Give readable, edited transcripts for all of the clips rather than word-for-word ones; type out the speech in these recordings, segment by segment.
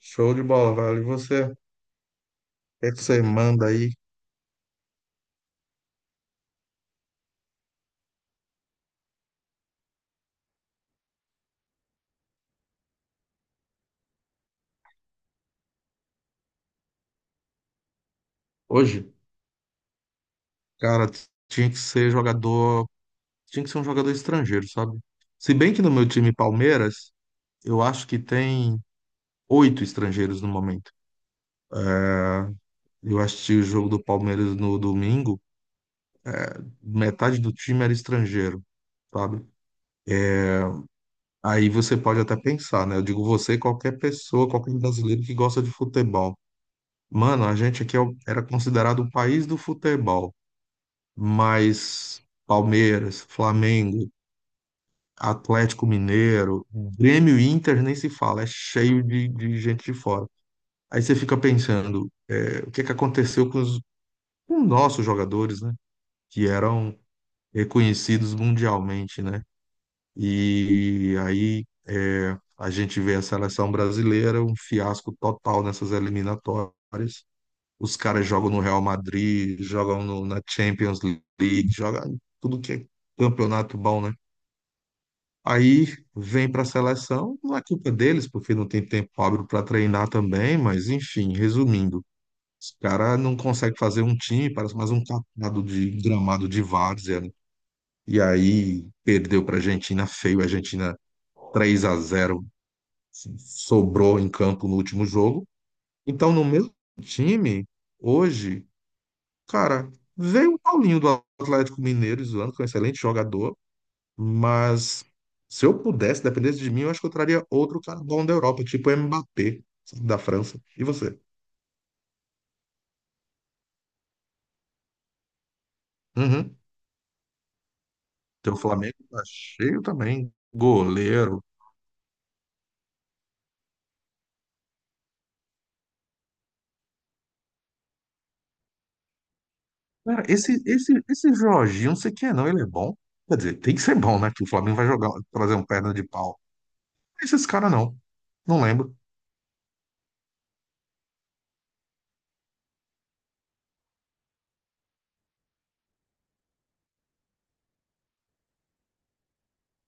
Show de bola, velho. E você, o que é que você manda aí? Hoje, cara, tinha que ser jogador, tinha que ser um jogador estrangeiro, sabe? Se bem que no meu time Palmeiras, eu acho que tem oito estrangeiros no momento. Eu assisti o jogo do Palmeiras no domingo, metade do time era estrangeiro, sabe? Aí você pode até pensar, né? Eu digo você, e qualquer pessoa, qualquer brasileiro que gosta de futebol. Mano, a gente aqui era considerado o país do futebol, mas Palmeiras, Flamengo, Atlético Mineiro, Grêmio e Inter nem se fala, é cheio de gente de fora. Aí você fica pensando, é, o que que aconteceu com os nossos jogadores, né? Que eram reconhecidos mundialmente, né? E aí é, a gente vê a seleção brasileira, um fiasco total nessas eliminatórias. Os caras jogam no Real Madrid, jogam na Champions League, jogam em tudo que é campeonato bom, né? Aí vem para a seleção, não é culpa deles, porque não tem tempo hábil para treinar também, mas enfim, resumindo, os caras não conseguem fazer um time, parece mais um catado de gramado de várzea, né? E aí perdeu para a Argentina feio, a Argentina 3-0, assim, sobrou em campo no último jogo. Então, no mesmo time, hoje, cara, veio o Paulinho do Atlético Mineiro, zoando, que é um excelente jogador. Mas se eu pudesse, dependesse de mim, eu acho que eu traria outro cara bom da Europa, tipo o Mbappé, sabe, da França. E você? Uhum. Teu Flamengo tá cheio também. Goleiro. Cara, esse Jorginho, não sei quem é, não. Ele é bom. Quer dizer, tem que ser bom, né? Que o Flamengo vai jogar, trazer um perna de pau. Esses caras não. Não lembro.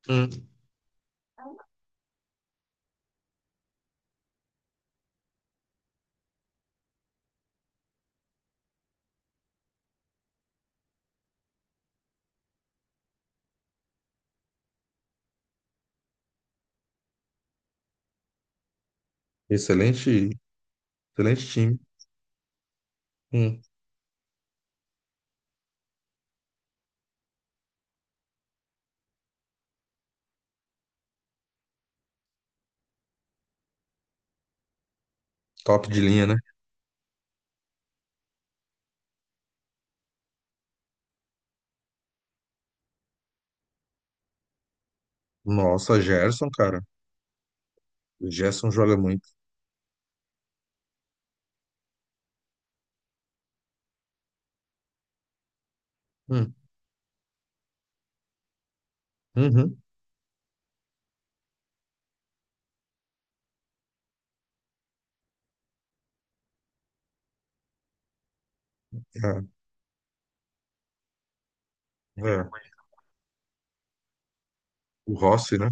Hum. Excelente, excelente time. Hum. Top de linha, né? Nossa, Gerson, cara. O Gerson joga muito. Hum. Uhum. É, é. O Rossi, né?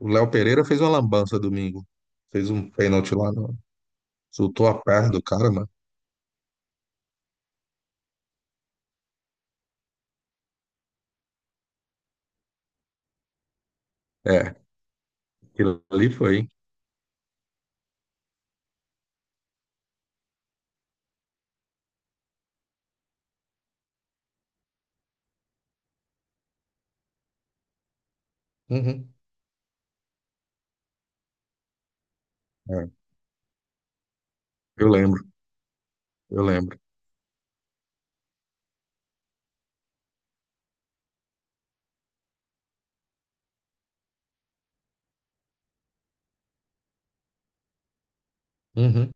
O Léo Pereira fez uma lambança domingo. Fez um pênalti lá, no, soltou a perna do cara, mano. É, aquilo ali foi. Uhum. É, eu lembro, eu lembro. Uhum.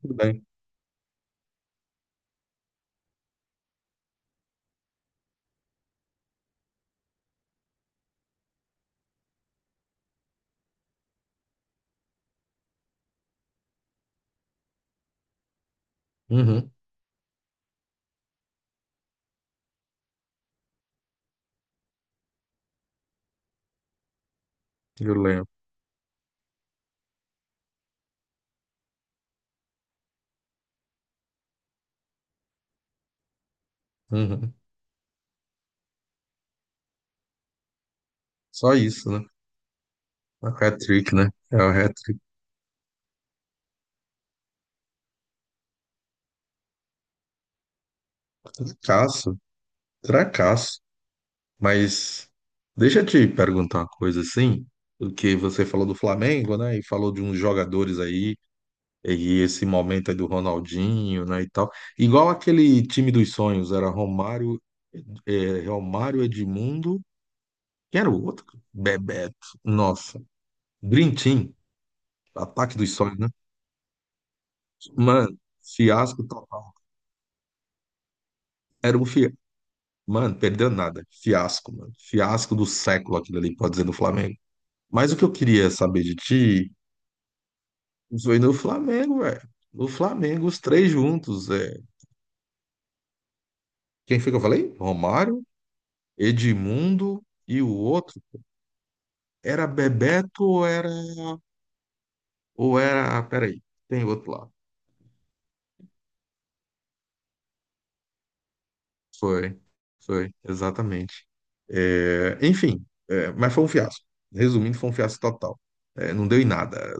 Tudo bem. Uhum. Eu lembro. Uhum. Só isso, né? É o hat-trick, né? É o hat-trick. Caço, tracasso. Mas deixa eu te perguntar uma coisa assim, porque você falou do Flamengo, né? E falou de uns jogadores aí. E esse momento aí do Ronaldinho, né, e tal. Igual aquele time dos sonhos, era Romário, é, Romário Edmundo, quem era o outro? Bebeto, nossa. Dream Team, Ataque dos Sonhos, né? Mano, fiasco total. Era um fiasco. Mano, perdeu nada. Fiasco, mano. Fiasco do século aquilo ali, pode dizer, do Flamengo. Mas o que eu queria saber de ti foi no Flamengo, velho. No Flamengo, os três juntos. É. Quem foi que eu falei? Romário, Edmundo e o outro. Era Bebeto ou era. Ou era, ah, peraí, tem outro lá. Foi, foi, exatamente. É, enfim, é, mas foi um fiasco. Resumindo, foi um fiasco total. É, não deu em nada.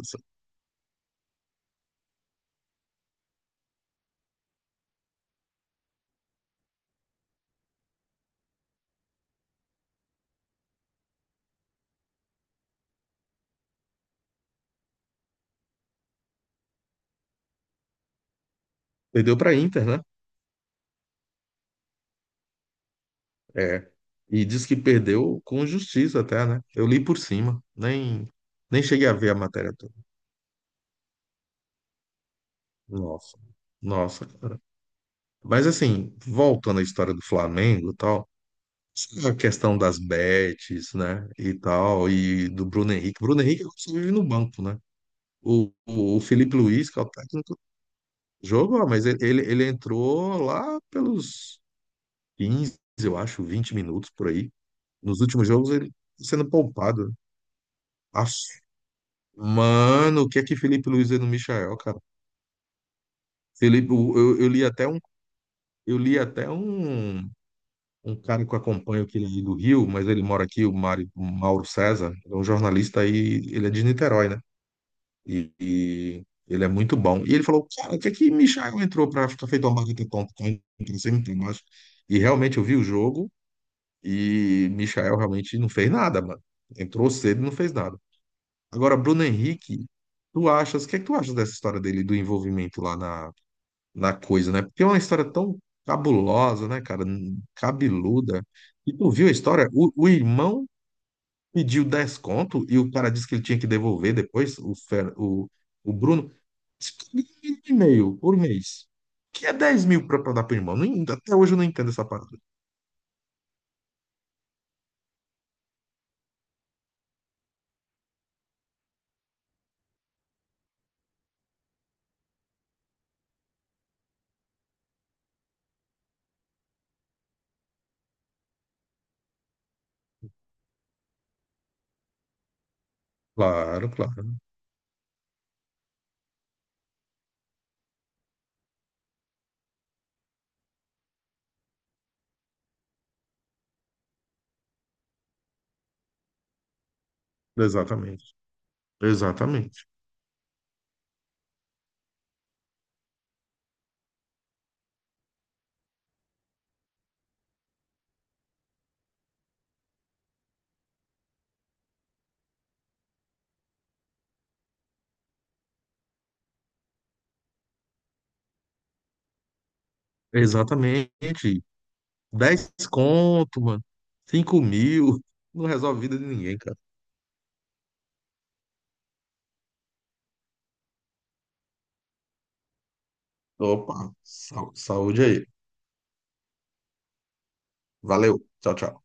Perdeu para a Inter, né? É, e diz que perdeu com justiça até, né? Eu li por cima, nem, nem cheguei a ver a matéria toda. Nossa, nossa. Mas assim, voltando à história do Flamengo e tal. A questão das bets, né? E tal, e do Bruno Henrique. Bruno Henrique só vive no banco, né? O Felipe Luiz, que é o técnico, jogou, mas ele entrou lá pelos 15, eu acho, 20 minutos por aí. Nos últimos jogos ele tá sendo poupado, né? Aff, mano, o que é que Felipe Luiz é no Michael, cara? Felipe, o- eu, eu li até um, eu li até um, um cara que eu acompanho que ele é do Rio, mas ele mora aqui, o Mário, Mauro César, é um jornalista aí, ele é de Niterói, né? E ele é muito bom. E ele falou, cara, o que é que Michael entrou para ficar feito uma marca de tonto? Então, sempre tem mais. E realmente eu vi o jogo e Michael realmente não fez nada, mano. Entrou cedo e não fez nada. Agora, Bruno Henrique, tu achas, o que é que tu achas dessa história dele, do envolvimento lá na coisa, né? Porque é uma história tão cabulosa, né, cara? Cabeluda. E tu viu a história? O irmão pediu 10 conto e o cara disse que ele tinha que devolver depois, o Bruno. Isso tá um e meio por mês. Que é 10.000 para dar pro irmão. Não en- até hoje eu não entendo essa parada. Claro, claro. Exatamente. Exatamente. Exatamente. 10 conto, mano. 5.000. Não resolve a vida de ninguém, cara. Opa, saúde aí. Valeu. Tchau, tchau.